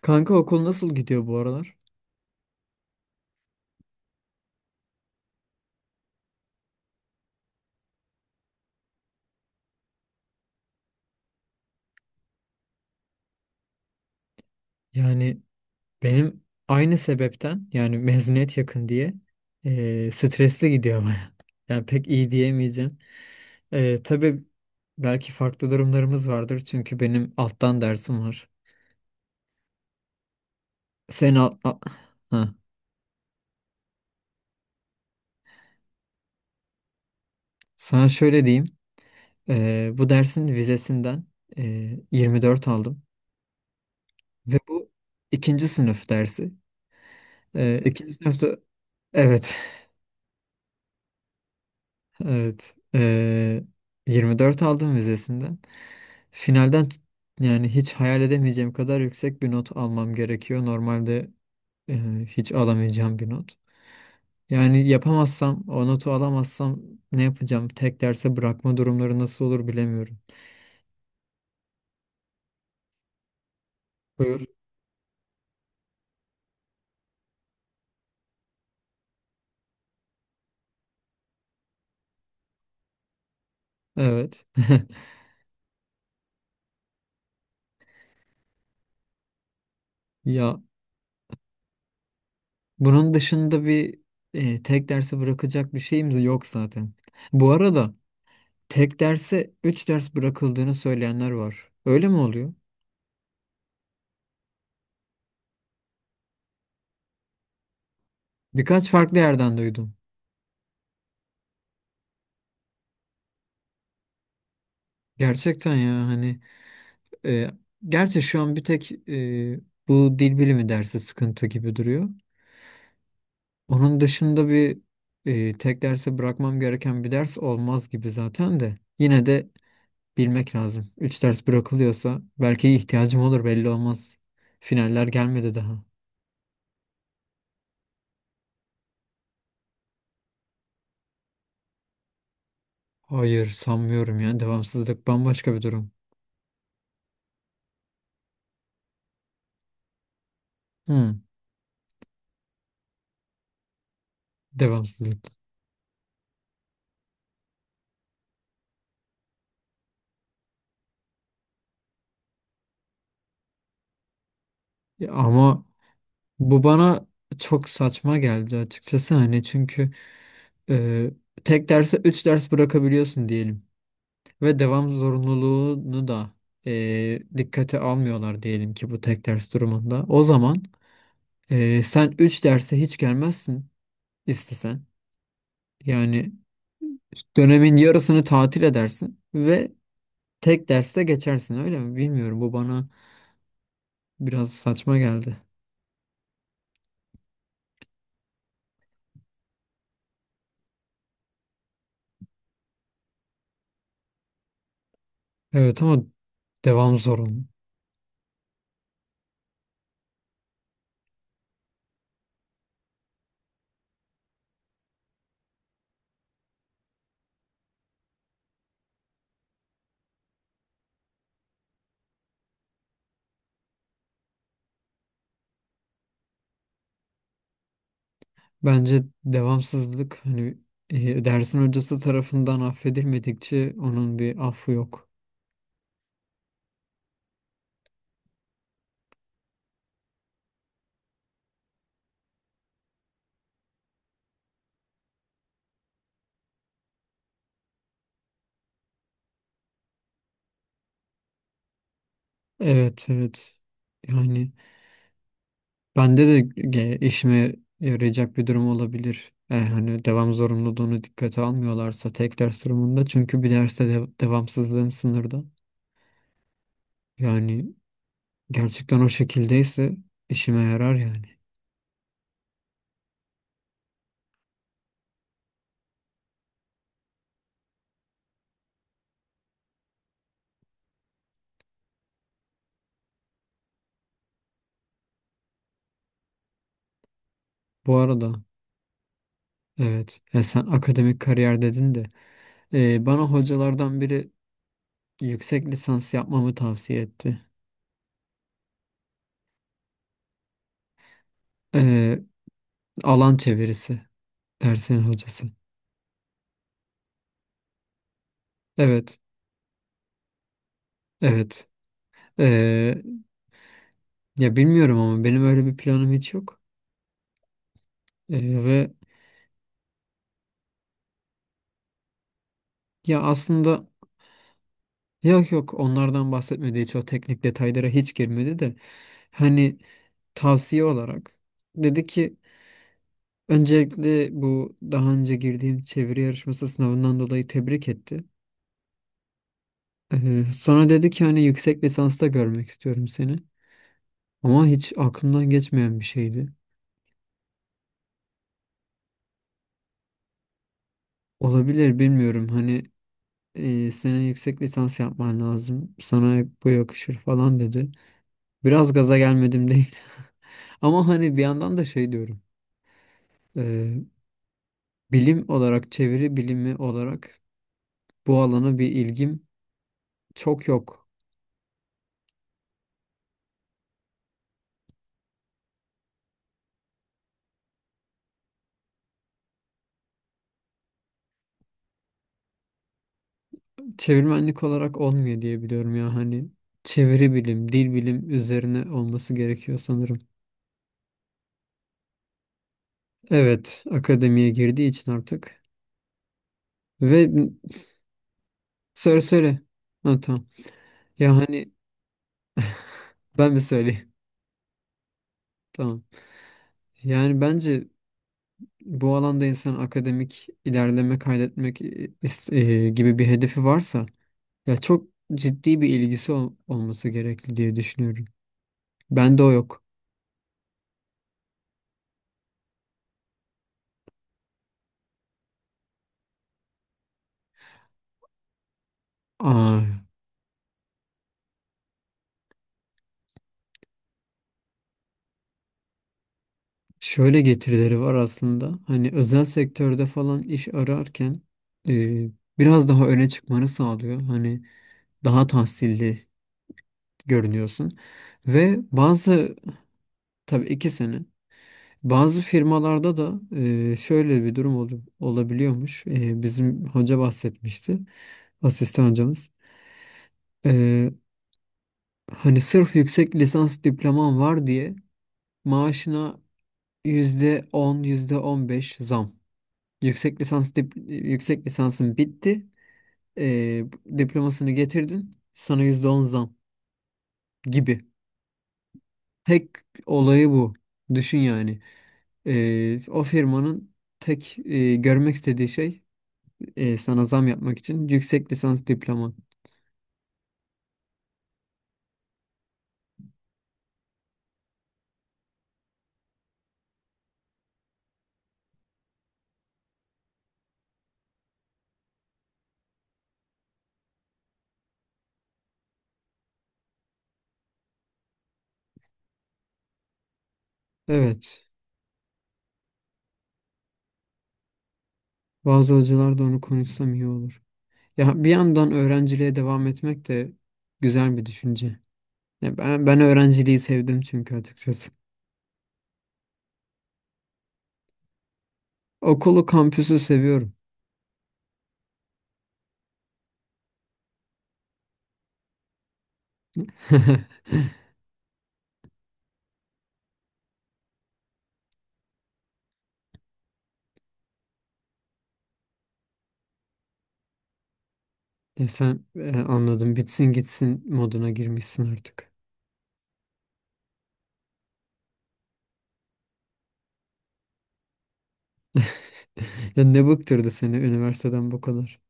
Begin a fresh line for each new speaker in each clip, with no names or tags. Kanka okul nasıl gidiyor bu aralar? Yani Benim aynı sebepten yani mezuniyet yakın diye stresli gidiyor baya. Yani pek iyi diyemeyeceğim. Tabii belki farklı durumlarımız vardır çünkü benim alttan dersim var. Sen al, ha. Sana şöyle diyeyim. Bu dersin vizesinden e, 24 aldım. Ve bu ikinci sınıf dersi. İkinci sınıfta evet. Evet. 24 aldım vizesinden. Finalden yani hiç hayal edemeyeceğim kadar yüksek bir not almam gerekiyor. Normalde hiç alamayacağım bir not. Yani yapamazsam, o notu alamazsam ne yapacağım? Tek derse bırakma durumları nasıl olur bilemiyorum. Buyur. Evet. Ya bunun dışında tek derse bırakacak bir şeyimiz yok zaten. Bu arada tek derse 3 ders bırakıldığını söyleyenler var. Öyle mi oluyor? Birkaç farklı yerden duydum. Gerçekten ya hani e, gerçi şu an bir tek bu dil bilimi dersi sıkıntı gibi duruyor. Onun dışında bir tek derse bırakmam gereken bir ders olmaz gibi zaten de. Yine de bilmek lazım. 3 ders bırakılıyorsa belki ihtiyacım olur belli olmaz. Finaller gelmedi daha. Hayır sanmıyorum ya. Devamsızlık bambaşka bir durum. Hmm, devamsızlık. Ya ama bu bana çok saçma geldi açıkçası hani çünkü e, tek derse 3 ders bırakabiliyorsun diyelim. Ve devam zorunluluğunu da dikkate almıyorlar diyelim ki bu tek ders durumunda. O zaman sen 3 derse hiç gelmezsin istesen. Yani dönemin yarısını tatil edersin ve tek derste geçersin öyle mi? Bilmiyorum, bu bana biraz saçma geldi. Evet ama devam zorunlu. Bence devamsızlık hani dersin hocası tarafından affedilmedikçe onun bir affı yok. Evet, evet. Yani bende de işime yarayacak bir durum olabilir. E, hani devam zorunluluğunu dikkate almıyorlarsa tek ders durumunda çünkü bir derste de devamsızlığım sınırda. Yani gerçekten o şekildeyse işime yarar yani. Bu arada evet, sen akademik kariyer dedin de bana hocalardan biri yüksek lisans yapmamı tavsiye etti. E, Alan çevirisi dersin hocası. Evet, evet. E, Ya bilmiyorum ama benim öyle bir planım hiç yok. E, ve Ya aslında yok, yok, onlardan bahsetmedi hiç, o teknik detaylara hiç girmedi de hani tavsiye olarak dedi ki öncelikle bu daha önce girdiğim çeviri yarışması sınavından dolayı tebrik etti. Sonra dedi ki hani yüksek lisansta görmek istiyorum seni. Ama hiç aklımdan geçmeyen bir şeydi. Olabilir, bilmiyorum hani senin yüksek lisans yapman lazım. Sana bu yakışır falan dedi. Biraz gaza gelmedim değil. Ama hani bir yandan da şey diyorum. Ee, Bilim olarak, çeviri bilimi olarak bu alana bir ilgim çok yok. Çevirmenlik olarak olmuyor diye biliyorum ya hani çeviri bilim, dil bilim üzerine olması gerekiyor sanırım. Evet, akademiye girdiği için artık. Ve söyle. Ha, tamam. Ya hani ben mi söyleyeyim? Tamam. Yani bence bu alanda insan akademik ilerleme kaydetmek gibi bir hedefi varsa ya çok ciddi bir ilgisi olması gerekli diye düşünüyorum. Bende o yok. Aa, şöyle getirileri var aslında. Hani özel sektörde falan iş ararken e, biraz daha öne çıkmanı sağlıyor. Hani daha tahsilli görünüyorsun. Ve bazı, tabii iki sene, bazı firmalarda da şöyle bir durum olabiliyormuş. E, bizim hoca bahsetmişti. Asistan hocamız. E, Hani sırf yüksek lisans diploman var diye maaşına %10, yüzde on beş zam. Yüksek lisansın bitti. Ee, Diplomasını getirdin. Sana %10 zam gibi. Tek olayı bu. Düşün yani. O firmanın tek görmek istediği şey sana zam yapmak için yüksek lisans diploman. Evet. Bazı hocalar da onu konuşsam iyi olur. Ya bir yandan öğrenciliğe devam etmek de güzel bir düşünce. Ya ben, ben öğrenciliği sevdim çünkü açıkçası. Okulu, kampüsü seviyorum. Ya sen anladım, bitsin gitsin moduna girmişsin artık. Ya ne bıktırdı seni üniversiteden bu kadar?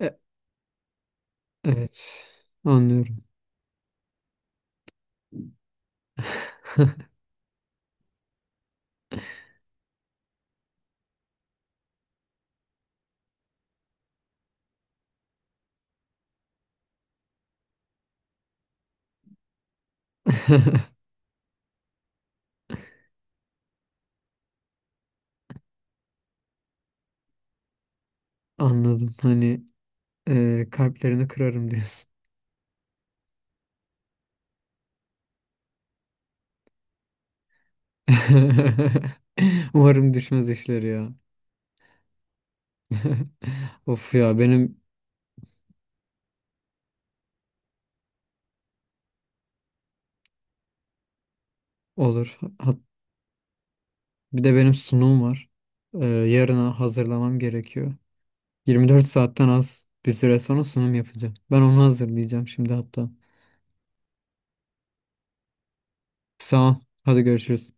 E, evet, anlıyorum. Anladım. Hani kalplerini kırarım diyorsun. Umarım düşmez işleri ya. Of ya, benim olur. Bir de benim sunum var. Yarına hazırlamam gerekiyor. 24 saatten az bir süre sonra sunum yapacağım. Ben onu hazırlayacağım şimdi hatta. Sağ ol. Hadi görüşürüz.